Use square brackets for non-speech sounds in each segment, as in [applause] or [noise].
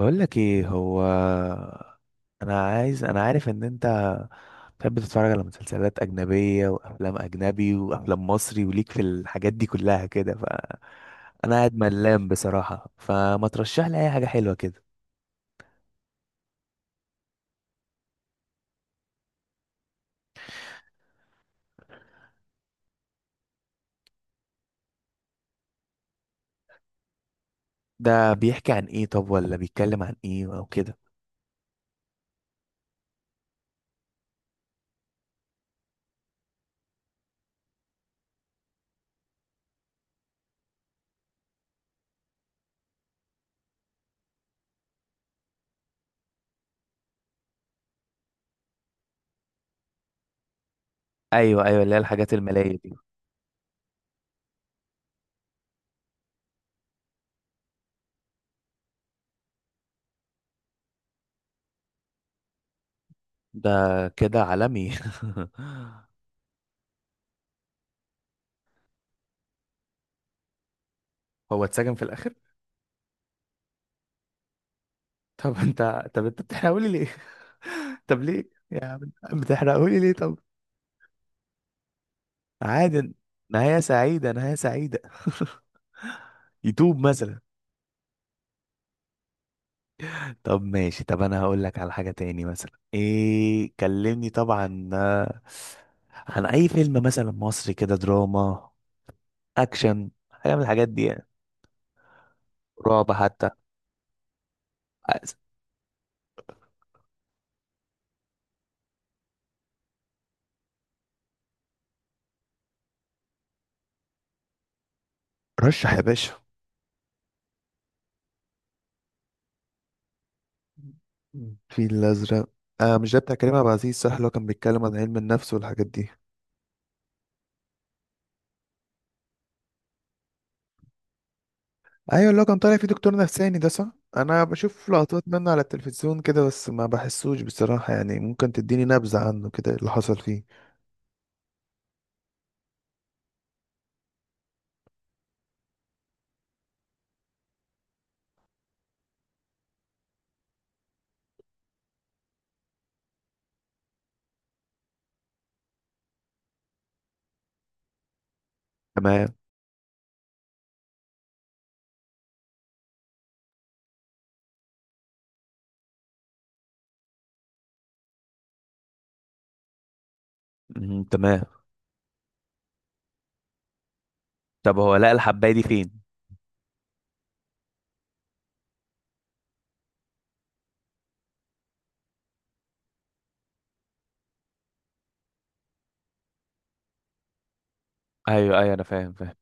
بقول لك ايه هو. انا عارف ان انت بتحب تتفرج على مسلسلات اجنبيه وافلام اجنبي وافلام مصري وليك في الحاجات دي كلها كده، ف انا قاعد ملام بصراحه، فما ترشح لي اي حاجه حلوه كده؟ ده بيحكي عن ايه؟ طب ولا بيتكلم عن ايه او كده؟ ايوه، ايوه، اللي هي الحاجات الماليه دي. ده كده عالمي. [laughs] هو اتسجن في الاخر؟ طب انت بتحرقهولي ليه؟ [laughs] طب ليه يا عم بتحرقهولي ليه طب؟ عادي. نهاية سعيدة، نهاية سعيدة. [laughs] يتوب مثلا. طب ماشي، طب انا هقول لك على حاجة تاني، مثلا ايه، كلمني طبعا. عن اي فيلم مثلا مصري كده، دراما، اكشن، حاجة من الحاجات دي يعني. رعب حتى. عايز- رشح يا باشا. الفيل الأزرق. آه، مش ده بتاع كريم عبد العزيز صح؟ اللي هو كان بيتكلم عن علم النفس والحاجات دي. ايوه، اللي هو كان طالع فيه دكتور نفساني، ده صح. انا بشوف لقطات منه على التلفزيون كده بس ما بحسوش بصراحة يعني. ممكن تديني نبذة عنه كده اللي حصل فيه؟ تمام. تمام. طب هو لقى الحبايه دي فين؟ ايوه ايوه انا فاهم فاهم.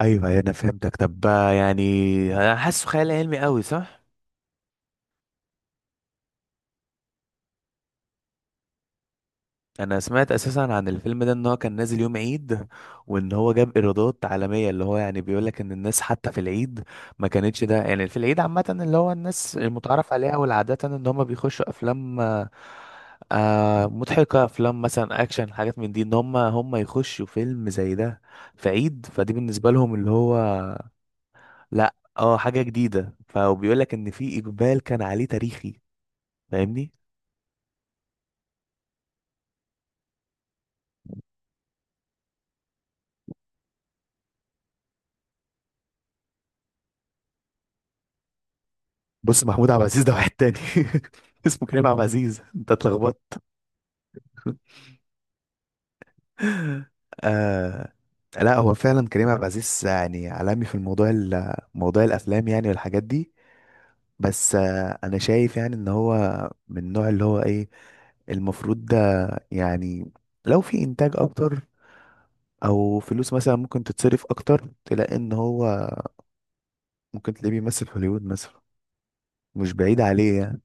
ايوه ايوه انا فهمتك. طب يعني انا حاسه خيال علمي قوي، صح؟ انا سمعت اساسا عن الفيلم ده ان هو كان نازل يوم عيد، وان هو جاب ايرادات عالميه، اللي هو يعني بيقول لك ان الناس حتى في العيد ما كانتش، ده يعني في العيد عامه، اللي هو الناس المتعارف عليها والعاده ان هم بيخشوا افلام مضحكه، افلام مثلا اكشن، حاجات من دي، ان هم يخشوا فيلم زي ده في عيد، فدي بالنسبه لهم اللي هو لا، اه، حاجه جديده. فبيقول لك ان في اقبال كان عليه تاريخي، فاهمني. بص، محمود عبد العزيز ده واحد تاني، [laughs] اسمه كريم عبد [laughs] العزيز، انت اتلخبطت. آه، لا، هو فعلا كريم عبد العزيز يعني عالمي في الموضوع، موضوع الافلام يعني والحاجات دي. بس آه، انا شايف يعني ان هو من النوع اللي هو ايه، المفروض ده يعني، لو في انتاج اكتر، او فلوس مثلا ممكن تتصرف اكتر، تلاقي ان هو ممكن تلاقيه بيمثل في هوليوود مثلا، مش بعيد عليه يعني.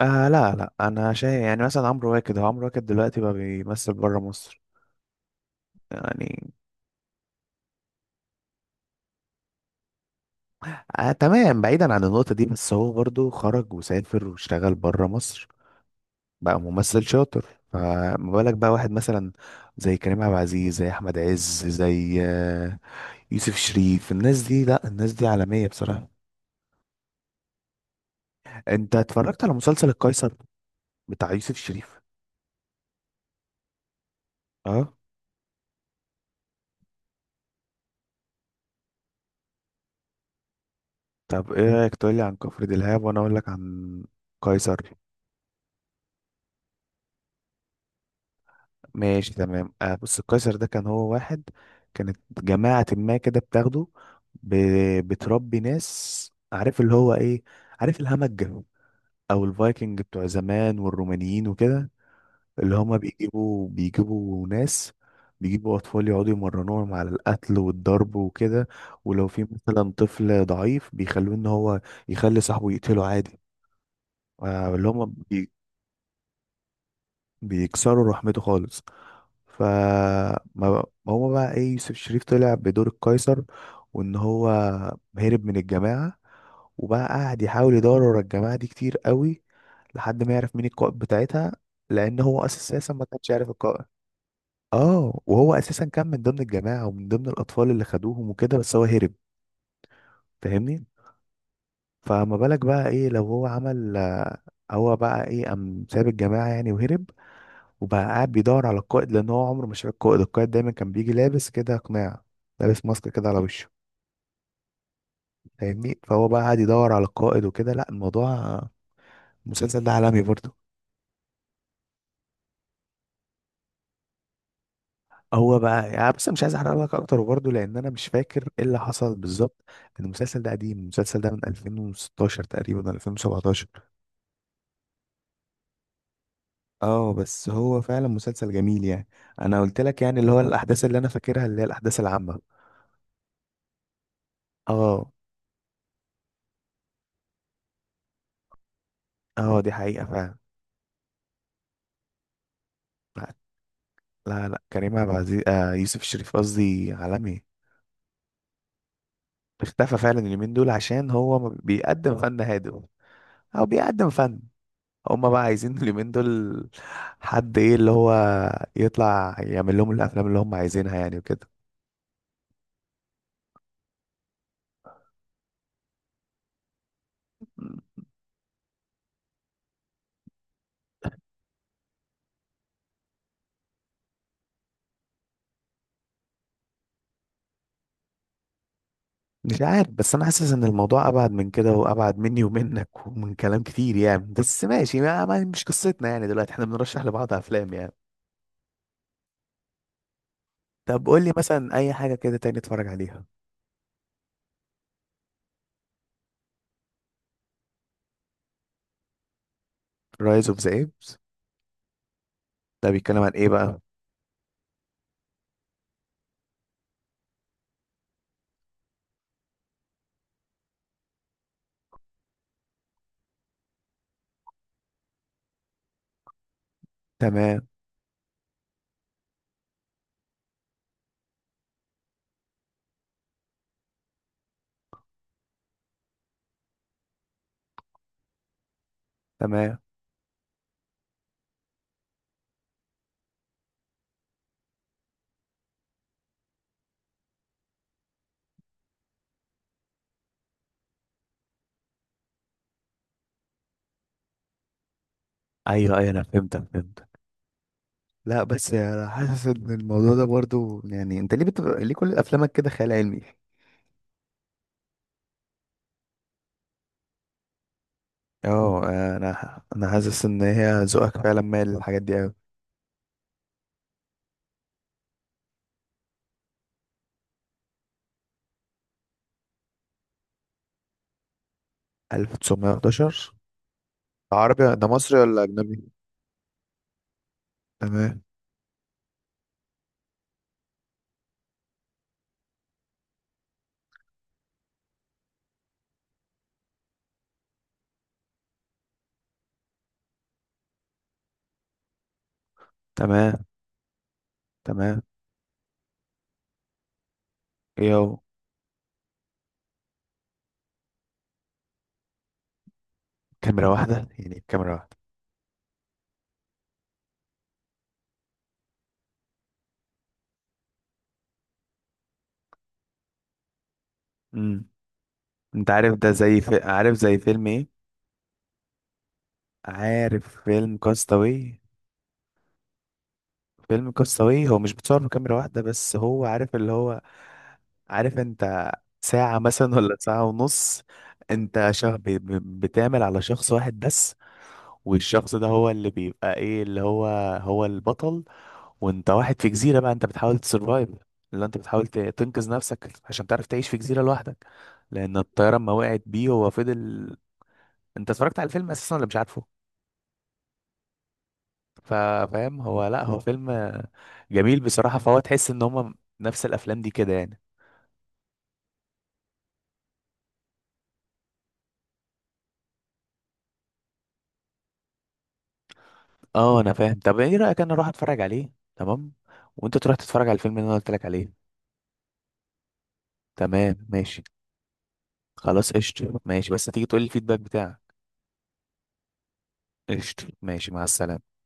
آه لا لا، انا شايف يعني مثلا عمرو واكد، هو عمرو واكد دلوقتي بقى بيمثل بره مصر يعني. آه تمام، بعيدا عن النقطة دي بس هو برضو خرج وسافر واشتغل بره مصر. بقى ممثل شاطر. فما بالك بقى واحد مثلا زي كريم عبد العزيز، زي أحمد عز، زي يوسف شريف. الناس دي لا، الناس دي عالمية بصراحة. انت اتفرجت على مسلسل القيصر بتاع يوسف شريف؟ اه. طب ايه رأيك تقولي عن كفر دلهاب وانا اقول لك عن قيصر؟ ماشي تمام. آه بص، القيصر ده كان هو واحد، كانت جماعة ما كده بتاخده، ب... بتربي ناس، عارف اللي هو ايه، عارف الهمج، او الفايكنج بتوع زمان والرومانيين وكده، اللي هما بيجيبوا، ناس، بيجيبوا اطفال، يقعدوا يمرنوهم على القتل والضرب وكده. ولو في مثلا طفل ضعيف بيخلوه ان هو يخلي صاحبه يقتله عادي. آه اللي بيكسروا رحمته خالص. فما ما ما هو بقى ايه، يوسف شريف طلع بدور القيصر، وان هو هرب من الجماعة وبقى قاعد يحاول يدور ورا الجماعة دي كتير قوي، لحد ما يعرف مين القائد بتاعتها، لان هو اساسا ما كانش عارف القائد. اه وهو اساسا كان من ضمن الجماعة ومن ضمن الاطفال اللي خدوهم وكده، بس هو هرب، فاهمني. فما بالك بقى ايه لو هو عمل، هو بقى ايه قام ساب الجماعة يعني وهرب، وبقى قاعد بيدور على القائد، لان هو عمره ما شاف القائد، القائد دايما كان بيجي لابس كده قناع، لابس ماسك كده على وشه، فاهمني. فهو بقى قاعد يدور على القائد وكده. لا، الموضوع، المسلسل ده عالمي برضه. هو بقى يعني بس مش عايز احرق لك اكتر برضه، لان انا مش فاكر ايه اللي حصل بالظبط، لأن المسلسل ده قديم، المسلسل ده من 2016 تقريبا، 2017. اه بس هو فعلا مسلسل جميل يعني. انا قلت لك يعني اللي هو الاحداث اللي انا فاكرها اللي هي الاحداث العامة. اه. اه دي حقيقة فعلا. لا لا، كريم عبد العزيز، آه يوسف الشريف قصدي، عالمي. اختفى فعلا اليومين دول عشان هو ما بيقدم فن هادف، او بيقدم فن، هما بقى عايزين [laughs] اليومين دول حد ايه اللي هو يطلع يعمل لهم الافلام اللي هم عايزينها يعني وكده. مش عارف، بس انا حاسس ان الموضوع ابعد من كده، وابعد مني ومنك ومن كلام كتير يعني، بس ماشي، مش قصتنا يعني دلوقتي احنا بنرشح لبعض افلام يعني. طب قول لي مثلا اي حاجه كده تاني اتفرج عليها. رايز اوف ذا ايبس. ده بيتكلم عن ايه بقى؟ تمام. تمام. ايوه ايوه انا فهمتك فهمتك. لا بس انا حاسس ان الموضوع ده برضو يعني انت ليه بتبقى، ليه كل افلامك كده خيال علمي؟ اه. انا حاسس ان هي ذوقك فعلا مايل للحاجات دي قوي. 1911. عربي ده؟ مصري ولا اجنبي؟ تمام. تمام. تمام. يو، كاميرا واحدة؟ يعني كاميرا واحدة؟ امم. انت عارف ده زي في... عارف زي فيلم ايه؟ عارف فيلم كاستاوي. فيلم كاستاوي هو مش بتصور بكاميرا واحدة بس، هو عارف اللي هو، عارف انت ساعة مثلا ولا ساعة ونص، انت بتعمل على شخص واحد بس. والشخص ده هو اللي بيبقى ايه اللي هو، هو البطل، وانت واحد في جزيرة بقى، انت بتحاول تسرفايف، اللي انت بتحاول تنقذ نفسك عشان تعرف تعيش في جزيرة لوحدك، لان الطيارة ما وقعت بيه، هو فضل. انت اتفرجت على الفيلم اساسا ولا مش عارفه؟ ف- فاهم، هو لا، هو فيلم جميل بصراحة، فهو تحس ان هما نفس الافلام دي كده يعني. اه انا فاهم. طب ايه رايك انا اروح اتفرج عليه؟ تمام. وانت تروح تتفرج على الفيلم اللي انا قلت لك عليه. تمام ماشي. خلاص قشطة، ماشي، بس تيجي تقول لي الفيدباك بتاعك. قشطة، ماشي، مع السلامه.